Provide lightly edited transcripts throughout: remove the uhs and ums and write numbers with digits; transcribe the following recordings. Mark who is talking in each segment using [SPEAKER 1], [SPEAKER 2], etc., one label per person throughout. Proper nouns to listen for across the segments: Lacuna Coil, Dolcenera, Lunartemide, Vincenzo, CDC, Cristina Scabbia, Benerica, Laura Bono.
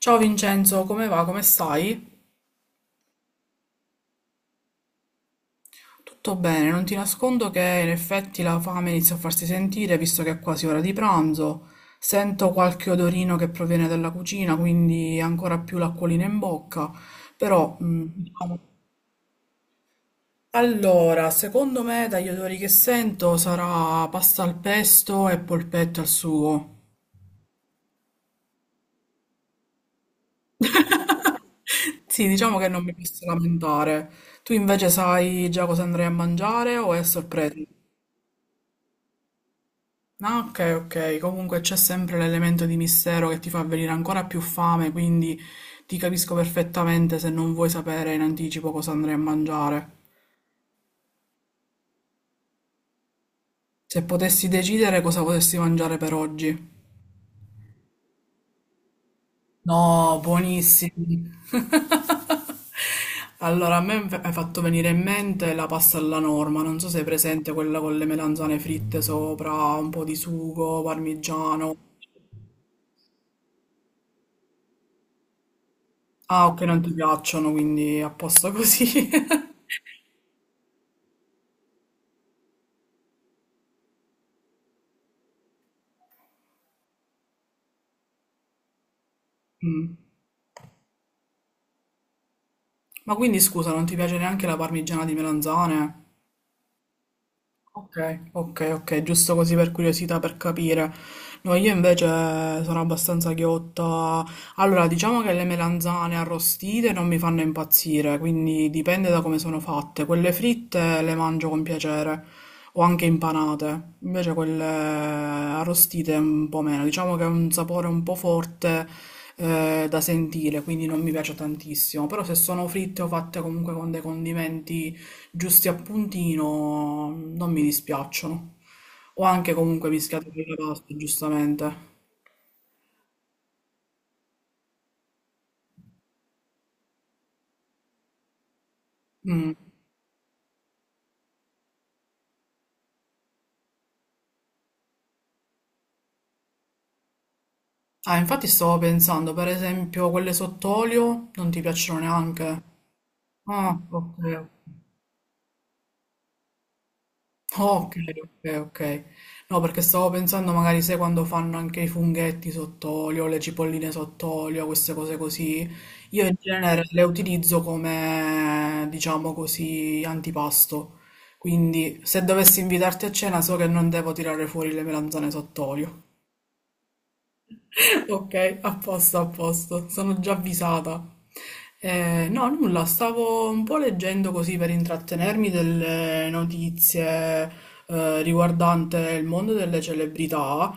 [SPEAKER 1] Ciao Vincenzo, come va? Come stai? Tutto bene, non ti nascondo che in effetti la fame inizia a farsi sentire visto che è quasi ora di pranzo. Sento qualche odorino che proviene dalla cucina, quindi ancora più l'acquolina in bocca. Però, mm, diciamo- Allora, secondo me dagli odori che sento sarà pasta al pesto e polpetto al sugo. Sì, diciamo che non mi posso lamentare. Tu invece sai già cosa andrai a mangiare o è a sorpresa? Ah, ok, ok. Comunque c'è sempre l'elemento di mistero che ti fa venire ancora più fame, quindi ti capisco perfettamente se non vuoi sapere in anticipo cosa andrai a mangiare. Se potessi decidere cosa potessi mangiare per oggi. No, buonissimi. Allora, a me mi hai fatto venire in mente la pasta alla norma, non so se è presente quella con le melanzane fritte sopra, un po' di sugo, parmigiano. Ah, ok, non ti piacciono, quindi a posto così. Mm. Ma quindi scusa, non ti piace neanche la parmigiana di melanzane? Ok, ok, ok, giusto così per curiosità, per capire. No, io invece sono abbastanzaghiotta. Allora, diciamo che le melanzane arrostite non mi fanno impazzire, quindi dipende da come sono fatte. Quelle fritte le mangio con piacere, o anche impanate. Invece quelle arrostite un po' meno. Diciamo che è un sapore un po' forte, da sentire, quindi non mi piace tantissimo. Però se sono fritte o fatte comunque con dei condimenti giusti a puntino non mi dispiacciono. O anche comunque mischiati con le paste, giustamente. Mm. Ah, infatti stavo pensando, per esempio, quelle sott'olio non ti piacciono neanche? Ah, ok, ok. Oh, ok, ok, ok. No, perché stavo pensando magari, sai, quando fanno anche i funghetti sott'olio, le cipolline sott'olio, queste cose così, io in genere le utilizzo come, diciamo così, antipasto. Quindi, se dovessi invitarti a cena, so che non devo tirare fuori le melanzane sott'olio. Ok, a posto, sono già avvisata. No, nulla, stavo un po' leggendo così per intrattenermi delle notizie riguardante il mondo delle celebrità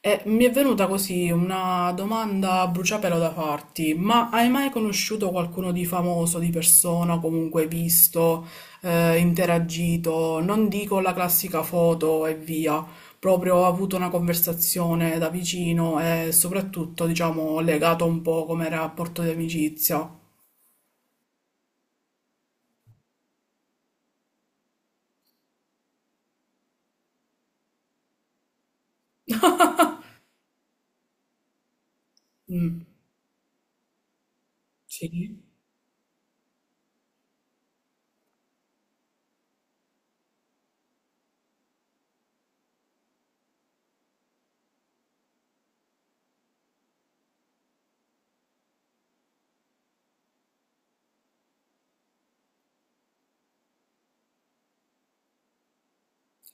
[SPEAKER 1] e mi è venuta così una domanda a bruciapelo da farti, ma hai mai conosciuto qualcuno di famoso, di persona, comunque visto, interagito? Non dico la classica foto e via proprio ho avuto una conversazione da vicino e soprattutto, diciamo, legato un po' come rapporto di amicizia. Mm, sì,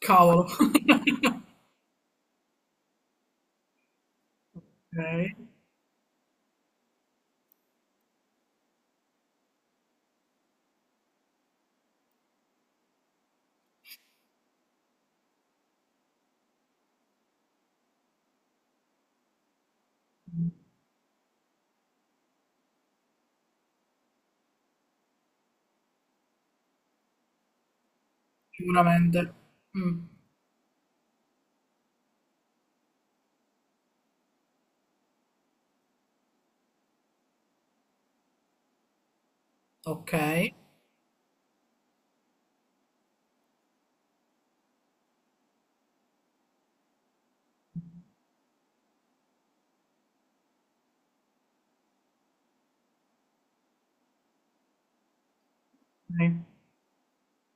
[SPEAKER 1] cavolo. Ok, sicuramente. Mm, ok. Ok.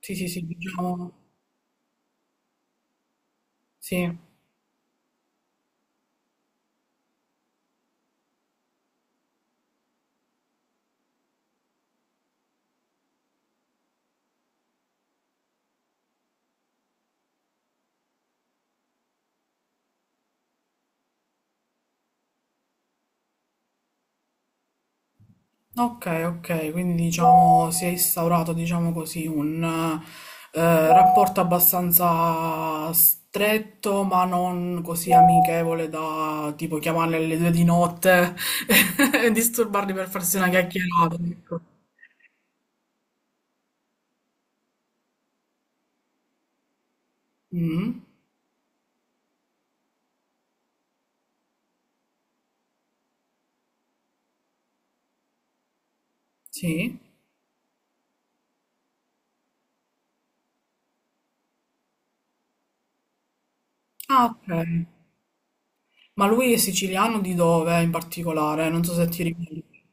[SPEAKER 1] Sì, sì, sì, diciamo, sì. Okay, okay, quindi diciamo si è instaurato, diciamo così, un rapporto abbastanza stretto, ma non così amichevole da tipo chiamarle alle due di notte e disturbarli per farsi una chiacchierata. Ecco. Mm, sì. Ah, ok. Ma lui è siciliano di dove in particolare? Non so se ti ricordi.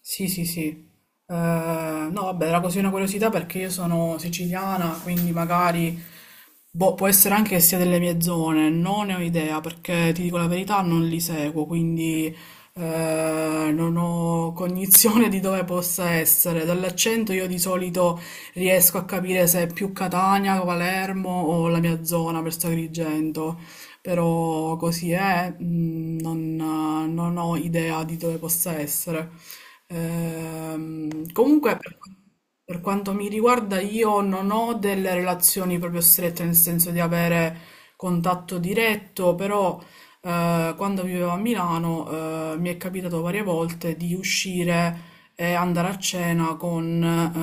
[SPEAKER 1] Sì, sì, sì. No, vabbè, era così una curiosità perché io sono siciliana, quindi magari boh, può essere anche che sia delle mie zone, non ne ho idea perché ti dico la verità, non li seguo, quindi non ho cognizione di dove possa essere. Dall'accento io di solito riesco a capire se è più Catania, Palermo o la mia zona, per Agrigento però così è, non ho idea di dove possa essere. Comunque, per quanto mi riguarda, io non ho delle relazioni proprio strette, nel senso di avere contatto diretto, però quando vivevo a Milano, mi è capitato varie volte di uscire e andare a cena con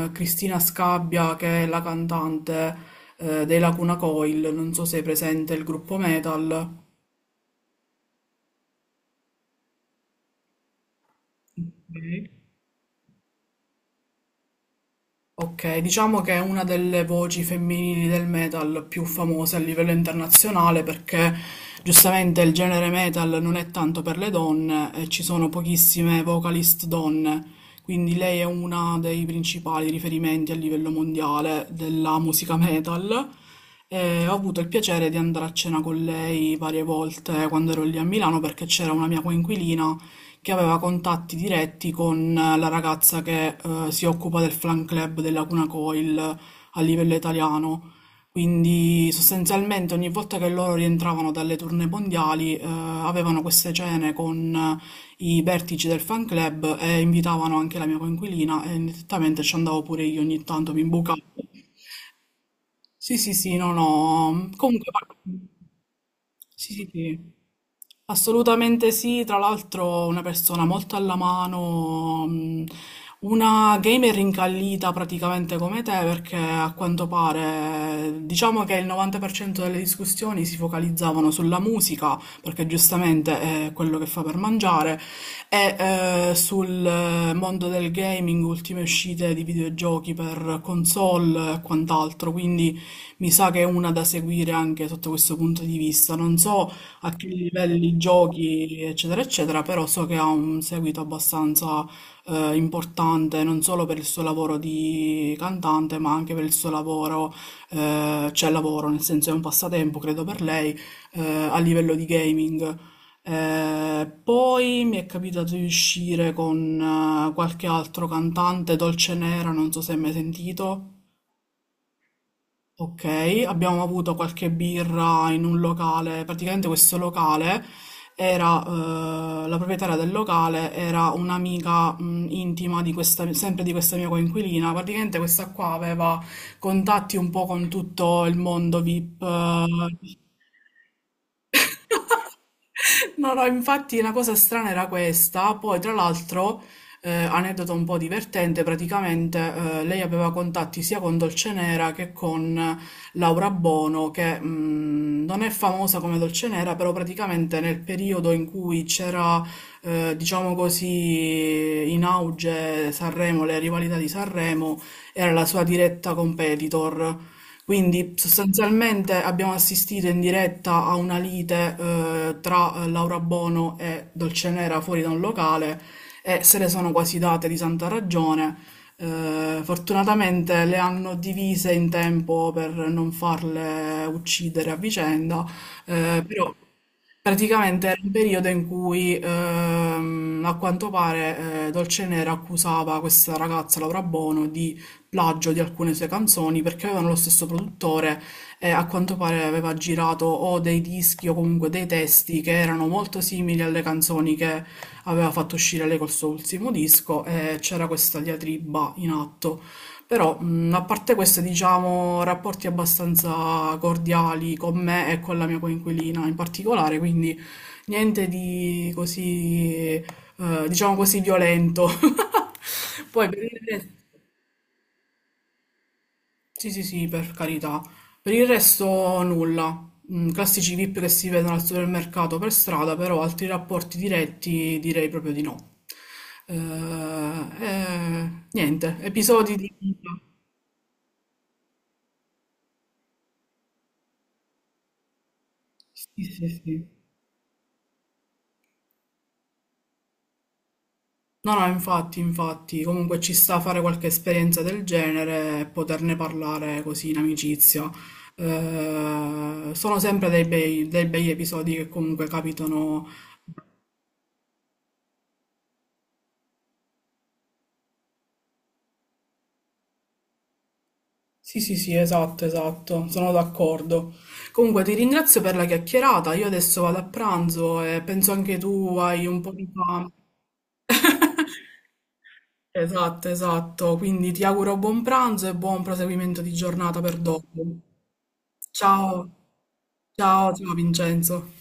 [SPEAKER 1] Cristina Scabbia, che è la cantante dei Lacuna Coil, non so se è presente il gruppo metal. Ok. Okay, diciamo che è una delle voci femminili del metal più famose a livello internazionale perché giustamente il genere metal non è tanto per le donne e ci sono pochissime vocalist donne, quindi lei è una dei principali riferimenti a livello mondiale della musica metal e ho avuto il piacere di andare a cena con lei varie volte quando ero lì a Milano perché c'era una mia coinquilina che aveva contatti diretti con la ragazza che si occupa del fan club della Cuna Coil a livello italiano. Quindi sostanzialmente ogni volta che loro rientravano dalle tournée mondiali avevano queste cene con i vertici del fan club e invitavano anche la mia coinquilina e nettamente ci andavo pure io ogni tanto, mi imbucavo. Sì, sì, sì, no, no. Comunque, guarda, sì, sì, sì. Assolutamente sì, tra l'altro una persona molto alla mano, una gamer incallita praticamente come te, perché a quanto pare diciamo che il 90% delle discussioni si focalizzavano sulla musica, perché giustamente è quello che fa per mangiare, e sul mondo del gaming, ultime uscite di videogiochi per console e quant'altro, quindi mi sa che è una da seguire anche sotto questo punto di vista. Non so a che livelli giochi, eccetera, eccetera, però so che ha un seguito abbastanza importante, non solo per il suo lavoro di cantante, ma anche per il suo lavoro, cioè lavoro, nel senso è un passatempo, credo per lei, a livello di gaming. Poi mi è capitato di uscire con qualche altro cantante, Dolce Nera, non so se hai mai sentito. Ok, abbiamo avuto qualche birra in un locale, praticamente questo locale era, la proprietaria del locale era un'amica intima di questa, sempre di questa mia coinquilina, praticamente questa qua aveva contatti un po' con tutto il mondo VIP, No, no, infatti la cosa strana era questa, poi tra l'altro, aneddoto un po' divertente, praticamente lei aveva contatti sia con Dolcenera che con Laura Bono, che non è famosa come Dolcenera, però praticamente nel periodo in cui c'era, diciamo così, in auge Sanremo, le rivalità di Sanremo, era la sua diretta competitor. Quindi sostanzialmente abbiamo assistito in diretta a una lite tra Laura Bono e Dolcenera fuori da un locale e se le sono quasi date di santa ragione. Fortunatamente le hanno divise in tempo per non farle uccidere a vicenda, però praticamente era un periodo in cui, a quanto pare, Dolce Nera accusava questa ragazza, Laura Bono, di plagio di alcune sue canzoni perché avevano lo stesso produttore e a quanto pare aveva girato o dei dischi o comunque dei testi che erano molto simili alle canzoni che aveva fatto uscire lei col suo ultimo disco e c'era questa diatriba in atto. Però, a parte questo, diciamo, rapporti abbastanza cordiali con me e con la mia coinquilina in particolare, quindi niente di così, diciamo così, violento. Poi per il resto, sì, sì, sì, per carità. Per il resto nulla. Classici VIP che si vedono al supermercato per strada, però altri rapporti diretti direi proprio di no. Eh, niente, episodi di vita. Sì, sì, sì. No, no, infatti, infatti, comunque ci sta a fare qualche esperienza del genere e poterne parlare così in amicizia. Sono sempre dei bei episodi che comunque capitano. Sì, sì, sì, esatto, esatto, sono d'accordo. Comunque ti ringrazio per la chiacchierata, io adesso vado a pranzo e penso anche tu hai un po' di fame. Esatto, esatto, quindi ti auguro buon pranzo e buon proseguimento di giornata per dopo. Ciao, ciao, ciao Vincenzo.